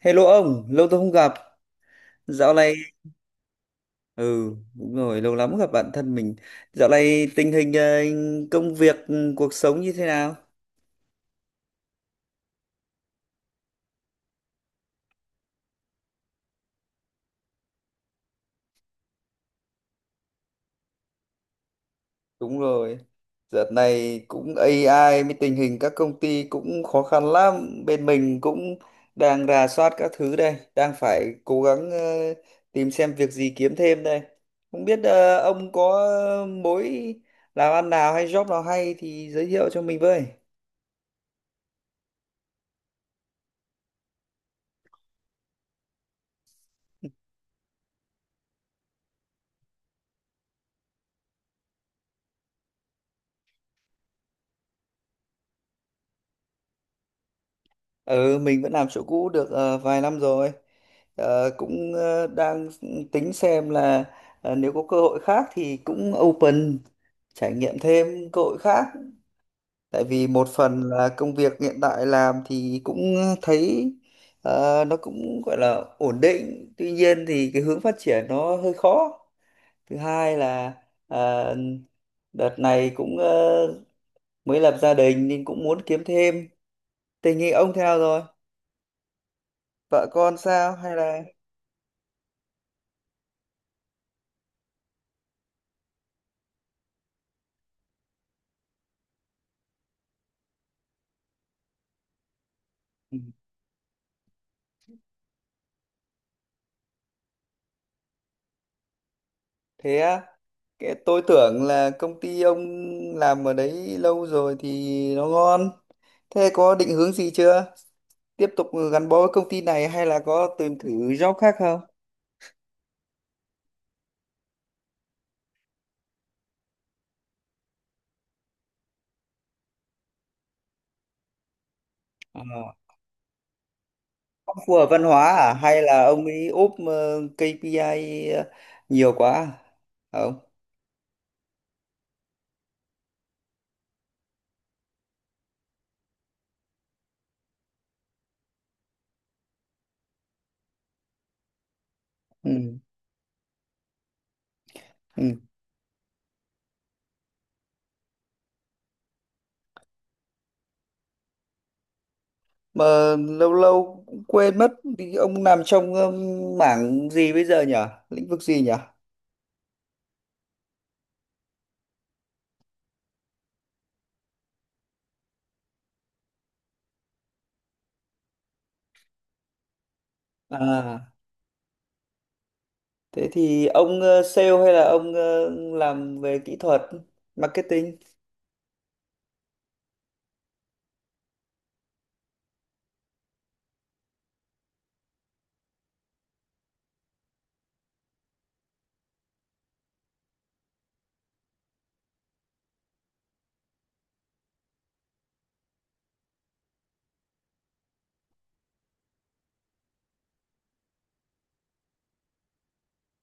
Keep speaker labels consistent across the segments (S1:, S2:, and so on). S1: Hello ông, lâu tôi không gặp. Dạo này, ừ, đúng rồi, lâu lắm gặp bạn thân mình. Dạo này tình hình công việc, cuộc sống như thế nào? Đúng rồi. Dạo này cũng AI mới tình hình các công ty cũng khó khăn lắm. Bên mình cũng đang rà soát các thứ đây, đang phải cố gắng tìm xem việc gì kiếm thêm đây. Không biết ông có mối làm ăn nào hay job nào hay thì giới thiệu cho mình với. Ừ, mình vẫn làm chỗ cũ được vài năm rồi. Đang tính xem là nếu có cơ hội khác thì cũng open trải nghiệm thêm cơ hội khác. Tại vì một phần là công việc hiện tại làm thì cũng thấy nó cũng gọi là ổn định. Tuy nhiên thì cái hướng phát triển nó hơi khó. Thứ hai là ờ, đợt này cũng mới lập gia đình nên cũng muốn kiếm thêm. Tình hình ông thế nào rồi? Vợ con sao hay là ừ, thế á, cái tôi tưởng là công ty ông làm ở đấy lâu rồi thì nó ngon, thế có định hướng gì chưa, tiếp tục gắn bó với công ty này hay là có tìm thử job khác không? Ờ, ông phù hợp văn hóa à hay là ông ấy ốp KPI nhiều quá à? Không ừ. Ừ. Mà lâu lâu cũng quên mất, thì ông làm trong mảng gì bây giờ nhỉ, lĩnh vực gì nhỉ? À, à. Thế thì ông sale hay là ông làm về kỹ thuật, marketing?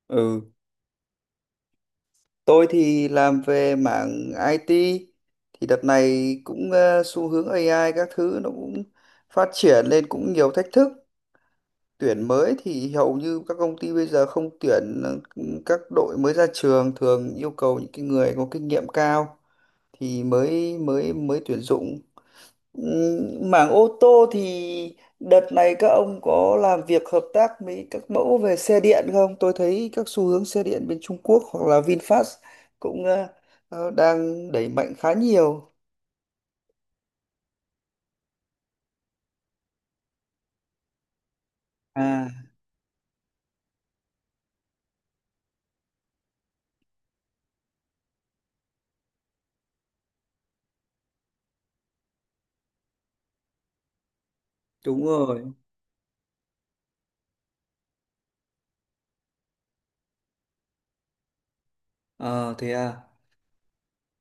S1: Ừ, tôi thì làm về mảng IT. Thì đợt này cũng xu hướng AI các thứ nó cũng phát triển lên cũng nhiều thách thức. Tuyển mới thì hầu như các công ty bây giờ không tuyển các đội mới ra trường, thường yêu cầu những cái người có kinh nghiệm cao thì mới mới mới tuyển dụng. Ừ, mảng ô tô thì đợt này các ông có làm việc hợp tác với các mẫu về xe điện không? Tôi thấy các xu hướng xe điện bên Trung Quốc hoặc là VinFast cũng đang đẩy mạnh khá nhiều. À, đúng rồi. Ờ, thế à.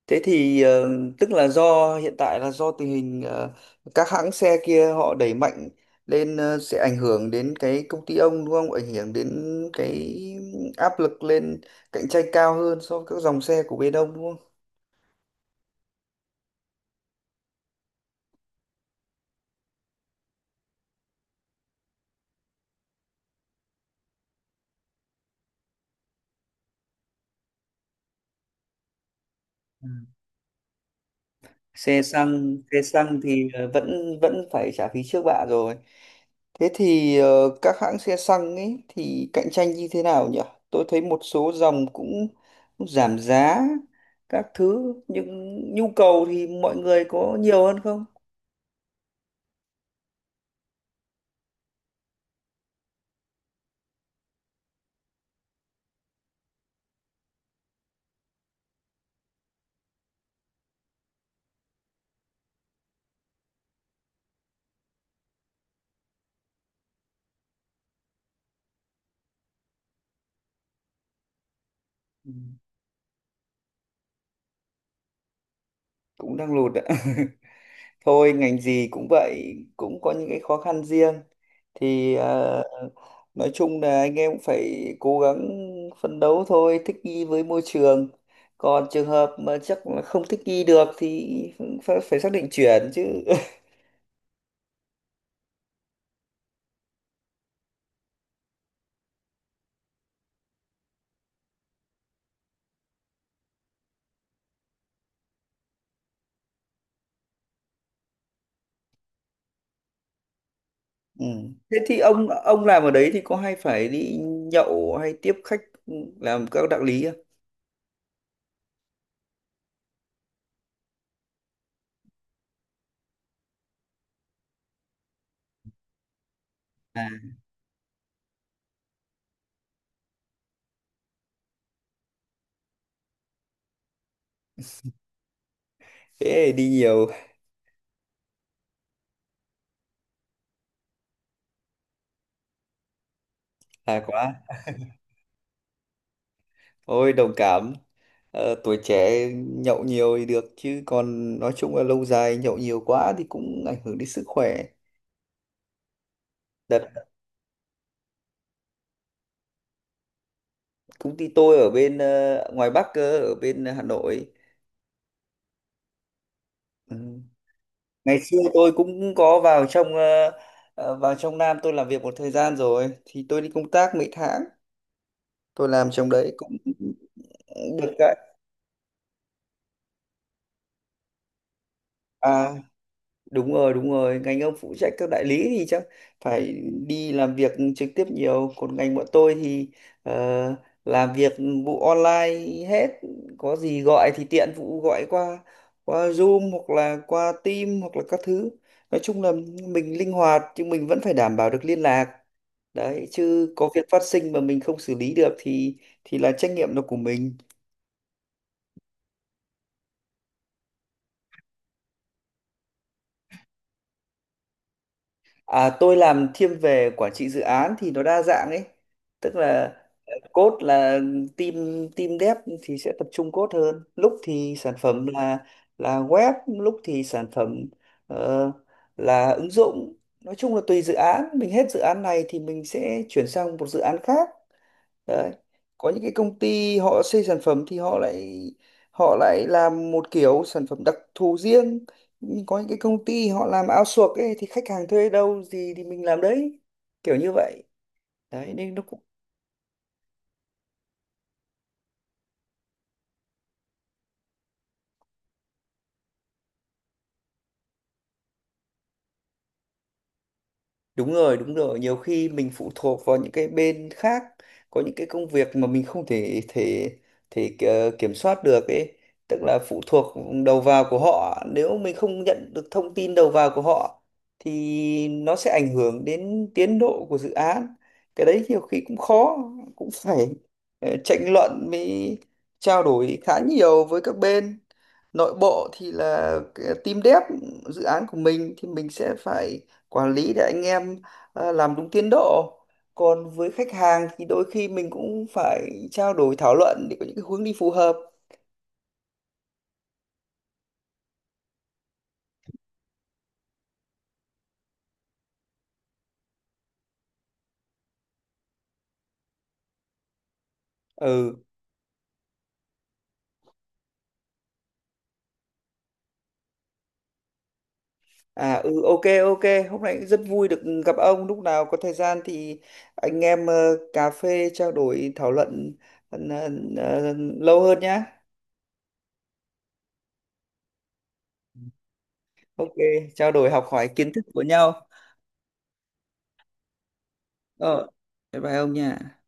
S1: Thế thì tức là do hiện tại là do tình hình các hãng xe kia họ đẩy mạnh lên, sẽ ảnh hưởng đến cái công ty ông đúng không? Ảnh hưởng đến cái áp lực lên, cạnh tranh cao hơn so với các dòng xe của bên ông đúng không? Xe xăng, xe xăng thì vẫn vẫn phải trả phí trước bạ rồi. Thế thì các hãng xe xăng ấy thì cạnh tranh như thế nào nhỉ, tôi thấy một số dòng cũng giảm giá các thứ nhưng nhu cầu thì mọi người có nhiều hơn không? Ừ, cũng đang lụt ạ thôi ngành gì cũng vậy, cũng có những cái khó khăn riêng, thì nói chung là anh em cũng phải cố gắng phấn đấu thôi, thích nghi với môi trường, còn trường hợp mà chắc là không thích nghi được thì phải xác định chuyển chứ ừ. Thế thì ông làm ở đấy thì có hay phải đi nhậu hay tiếp khách, làm các đạo lý không? À, thế thì đi nhiều. là quá. Ôi đồng cảm. Ờ, tuổi trẻ nhậu nhiều thì được chứ còn nói chung là lâu dài nhậu nhiều quá thì cũng ảnh hưởng đến sức khỏe. Đợt công ty tôi ở bên ngoài Bắc cơ, ở bên Hà Nội. Ừ. Ngày xưa tôi cũng có vào trong vào trong Nam tôi làm việc một thời gian rồi thì tôi đi công tác mấy tháng. Tôi làm trong đấy cũng được cái, à, đúng rồi, đúng rồi, ngành ông phụ trách các đại lý thì chắc phải đi làm việc trực tiếp nhiều, còn ngành bọn tôi thì ờ, làm việc vụ online hết, có gì gọi thì tiện vụ gọi qua, qua Zoom hoặc là qua Team hoặc là các thứ. Nói chung là mình linh hoạt nhưng mình vẫn phải đảm bảo được liên lạc đấy chứ, có việc phát sinh mà mình không xử lý được thì là trách nhiệm là của mình. À, tôi làm thiên về quản trị dự án thì nó đa dạng ấy. Tức là code là team team dev thì sẽ tập trung code hơn. Lúc thì sản phẩm là web, lúc thì sản phẩm ờ, là ứng dụng. Nói chung là tùy dự án, mình hết dự án này thì mình sẽ chuyển sang một dự án khác. Đấy. Có những cái công ty họ xây sản phẩm thì họ lại làm một kiểu sản phẩm đặc thù riêng. Nhưng có những cái công ty họ làm outsource ấy thì khách hàng thuê đâu gì thì mình làm đấy. Kiểu như vậy. Đấy nên nó cũng. Đúng rồi, đúng rồi. Nhiều khi mình phụ thuộc vào những cái bên khác, có những cái công việc mà mình không thể thể thể ki- kiểm soát được ấy, tức là phụ thuộc đầu vào của họ. Nếu mình không nhận được thông tin đầu vào của họ thì nó sẽ ảnh hưởng đến tiến độ của dự án. Cái đấy nhiều khi cũng khó, cũng phải tranh luận mới, trao đổi khá nhiều với các bên. Nội bộ thì là cái team dev dự án của mình thì mình sẽ phải quản lý để anh em làm đúng tiến độ, còn với khách hàng thì đôi khi mình cũng phải trao đổi thảo luận để có những cái hướng đi phù hợp. Ừ. À, ừ, ok, ok, hôm nay cũng rất vui được gặp ông, lúc nào có thời gian thì anh em cà phê trao đổi thảo luận ờ, ờ, ờ, lâu hơn nhá. Ok, trao đổi học hỏi kiến thức của nhau. Ờ, bye bye ông nha.